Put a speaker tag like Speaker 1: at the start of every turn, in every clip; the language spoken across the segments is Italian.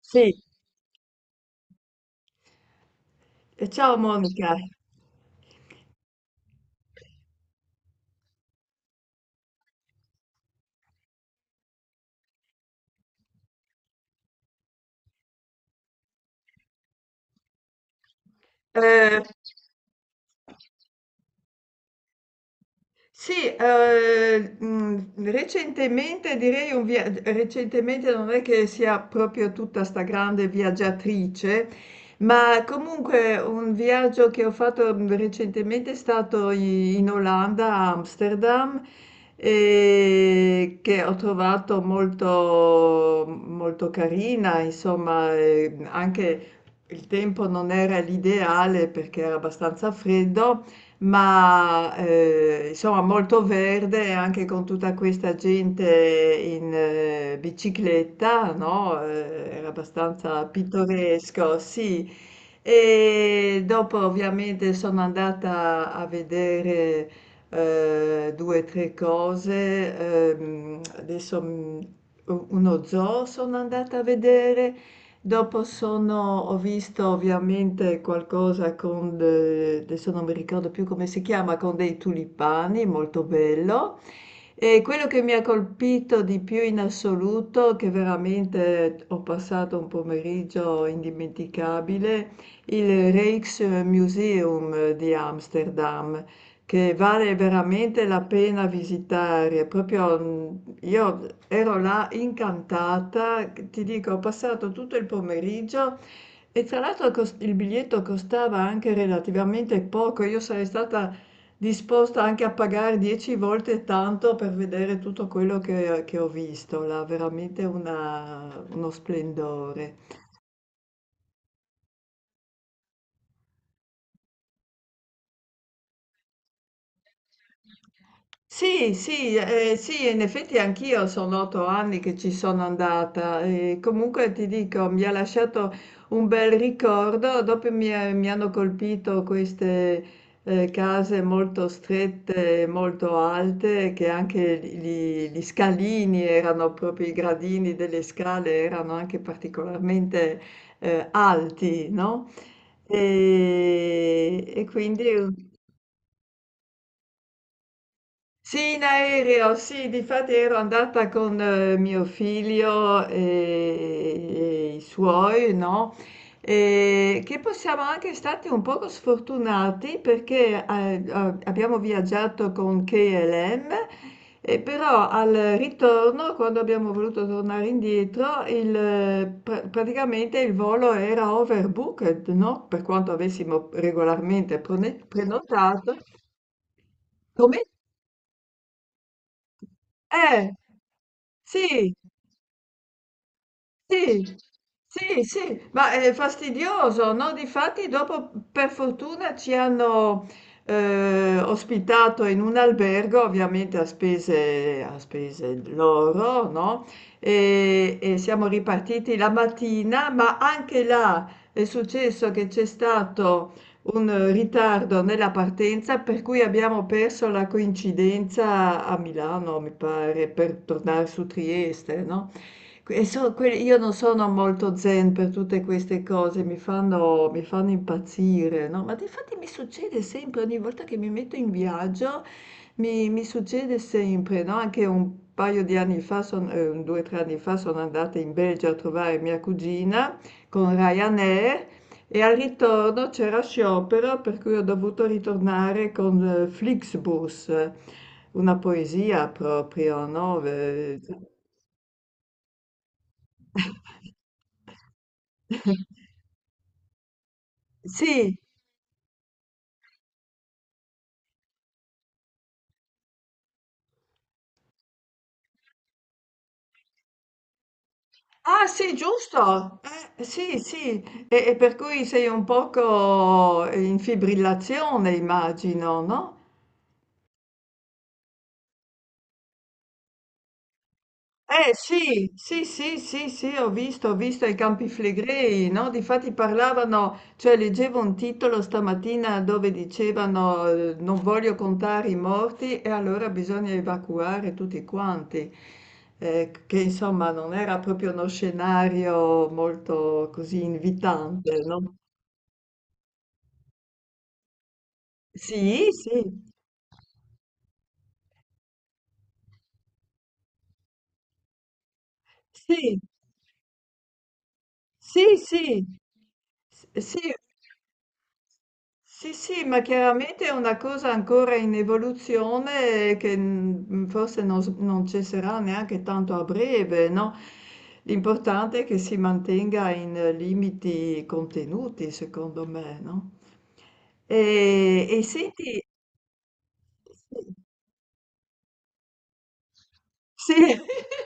Speaker 1: Sì. E ciao Monica. eh, Sì, recentemente direi un via recentemente non è che sia proprio tutta 'sta grande viaggiatrice, ma comunque un viaggio che ho fatto, recentemente è stato i in Olanda, a Amsterdam, che ho trovato molto molto carina, insomma. Anche il tempo non era l'ideale perché era abbastanza freddo, ma insomma molto verde anche con tutta questa gente in bicicletta, no? Era abbastanza pittoresco, sì. E dopo ovviamente sono andata a vedere due o tre cose. ehm, adesso mm, Uno zoo sono andata a vedere. Dopo sono ho visto ovviamente qualcosa con de adesso non mi ricordo più come si chiama, con dei tulipani, molto bello. E quello che mi ha colpito di più in assoluto, che veramente ho passato un pomeriggio indimenticabile, il Rijksmuseum di Amsterdam, che vale veramente la pena visitare. Proprio io ero là incantata, che ti dico, ho passato tutto il pomeriggio, e tra l'altro il biglietto costava anche relativamente poco. Io sarei stata disposta anche a pagare 10 volte tanto per vedere tutto quello che ho visto là, veramente uno splendore. Sì, sì, sì, in effetti anch'io sono 8 anni che ci sono andata, e comunque ti dico, mi ha lasciato un bel ricordo. Dopo mi hanno colpito queste case molto strette, molto alte, che anche gli scalini, erano proprio i gradini delle scale, erano anche particolarmente alti, no? E quindi... Sì, in aereo, sì, difatti ero andata con mio figlio e i suoi, no? E che possiamo anche stati un poco sfortunati perché abbiamo viaggiato con KLM, e però al ritorno, quando abbiamo voluto tornare indietro, praticamente il volo era overbooked, no? Per quanto avessimo regolarmente prenotato. Come? Eh, sì, sì, sì, sì, ma è fastidioso, no? Difatti dopo per fortuna ci hanno ospitato in un albergo, ovviamente a spese loro, no? E siamo ripartiti la mattina, ma anche là è successo che c'è stato un ritardo nella partenza, per cui abbiamo perso la coincidenza a Milano, mi pare, per tornare su Trieste, no? E io non sono molto zen per tutte queste cose, mi fanno impazzire, no? Ma infatti mi succede sempre, ogni volta che mi metto in viaggio, mi succede sempre, no? Anche un paio di anni fa, son- un 2 o 3 anni fa, sono andata in Belgio a trovare mia cugina con Ryanair, e al ritorno c'era sciopero, per cui ho dovuto ritornare con Flixbus, una poesia proprio, no? Sì. Ah sì, giusto, sì, sì, e per cui sei un poco in fibrillazione, immagino, no? Eh sì, sì, sì, sì, sì, ho visto i Campi Flegrei, no? Difatti parlavano, cioè leggevo un titolo stamattina dove dicevano non voglio contare i morti e allora bisogna evacuare tutti quanti. Che insomma non era proprio uno scenario molto così invitante, no? Sì, sì, sì, sì, sì, sì. Sì, sì, ma chiaramente è una cosa ancora in evoluzione e che forse non cesserà neanche tanto a breve, no? L'importante è che si mantenga in limiti contenuti, secondo me, no? E senti, sì,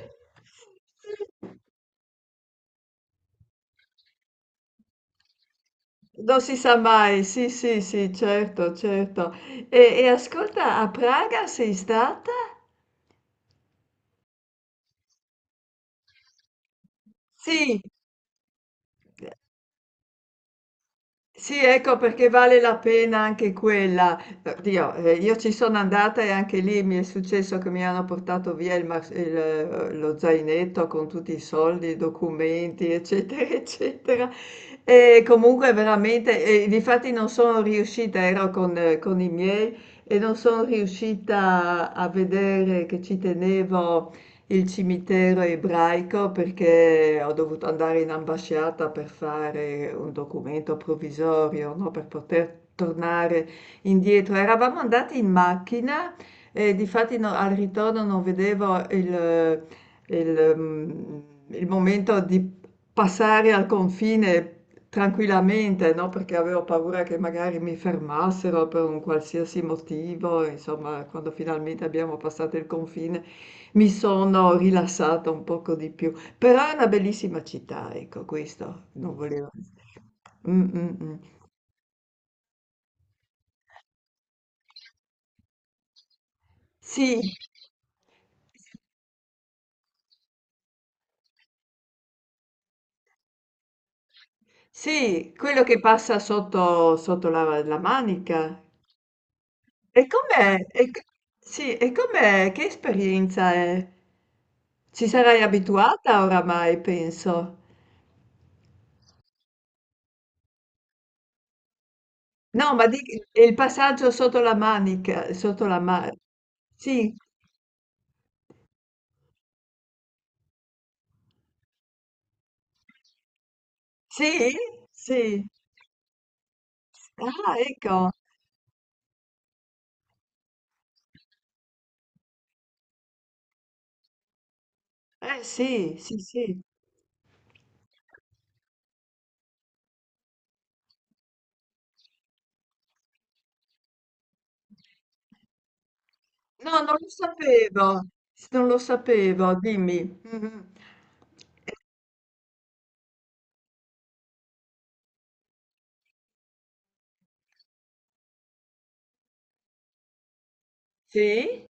Speaker 1: non si sa mai, sì, sì, sì, certo, certo. E, e ascolta, a Praga sei stata? Sì. Sì, ecco, perché vale la pena anche quella. Oddio, io ci sono andata, e anche lì mi è successo che mi hanno portato via lo zainetto con tutti i soldi, i documenti, eccetera, eccetera. E comunque veramente, e difatti non sono riuscita, ero con i miei, e non sono riuscita a vedere, che ci tenevo, il cimitero ebraico, perché ho dovuto andare in ambasciata per fare un documento provvisorio, no, per poter tornare indietro. Eravamo andati in macchina, e difatti al ritorno non vedevo il, mm, il momento di passare al confine. Tranquillamente, no? Perché avevo paura che magari mi fermassero per un qualsiasi motivo, insomma, quando finalmente abbiamo passato il confine, mi sono rilassata un poco di più, però è una bellissima città, ecco, questo non volevo. Mm, mm, mm. Sì, sì, quello che passa sotto la manica. E com'è? Sì, e com'è? Che esperienza è? Ci sarai abituata oramai, penso. No, ma e il passaggio sotto la manica, sotto la manica. Sì, sì, sì. Ah, ecco. Eh sì, sì, sì. No, non lo sapevo, s non lo sapevo, dimmi. Mh-mh. Eh, sì?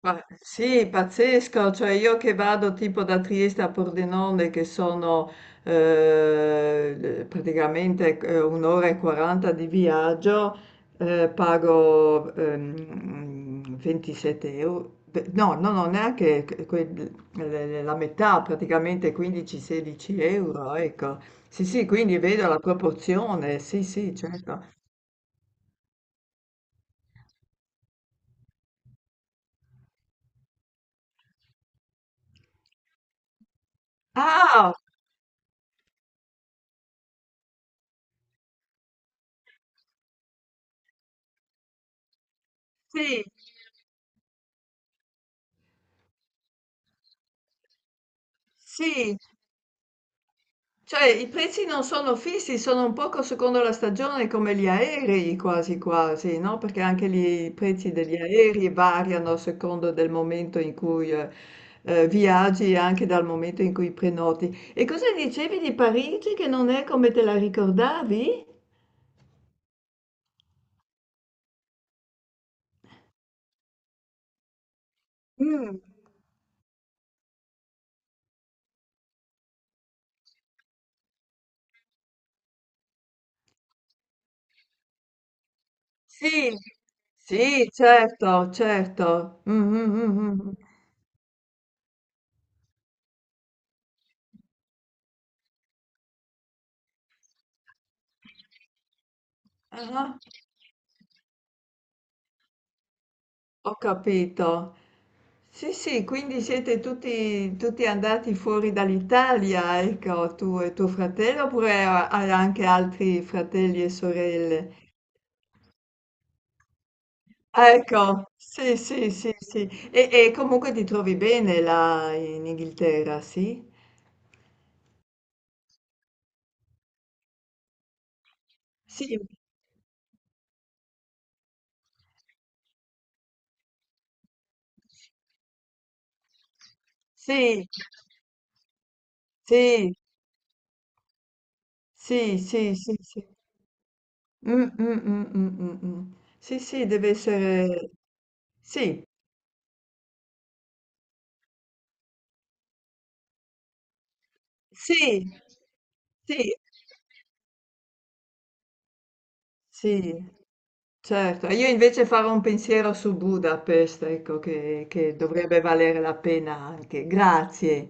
Speaker 1: Ma sì, pazzesco, cioè io che vado tipo da Trieste a Pordenone, che sono praticamente un'ora e 40 di viaggio, pago 27 euro. Beh, no, no, no, neanche la metà, praticamente 15-16 euro, ecco. Sì, sì, quindi vedo la proporzione, sì, sì, certo. Ah, sì, sì. Cioè i prezzi non sono fissi, sono un poco secondo la stagione come gli aerei, quasi quasi, no? Perché anche lì i prezzi degli aerei variano a secondo del momento in cui viaggi, e anche dal momento in cui prenoti. E cosa dicevi di Parigi che non è come te la ricordavi? Mm, sì. Sì, certo, certo. Mm, mm, mm, mm. Mm. Ah. Ho capito. Sì, sì, quindi siete tutti, andati fuori dall'Italia, ecco, tu e tuo fratello, oppure hai anche altri fratelli e sorelle? Ah. Ecco, sì, sì, sì, sì. E comunque ti trovi bene là in Inghilterra, sì? Sì, sì, sì, sì, sì, sì, sì. Mm, mm, mm, mm, mm, mm. Sì, sì, deve essere... Sì, sì, sì. Sì, certo. E io invece farò un pensiero su Budapest, ecco, che dovrebbe valere la pena anche. Grazie.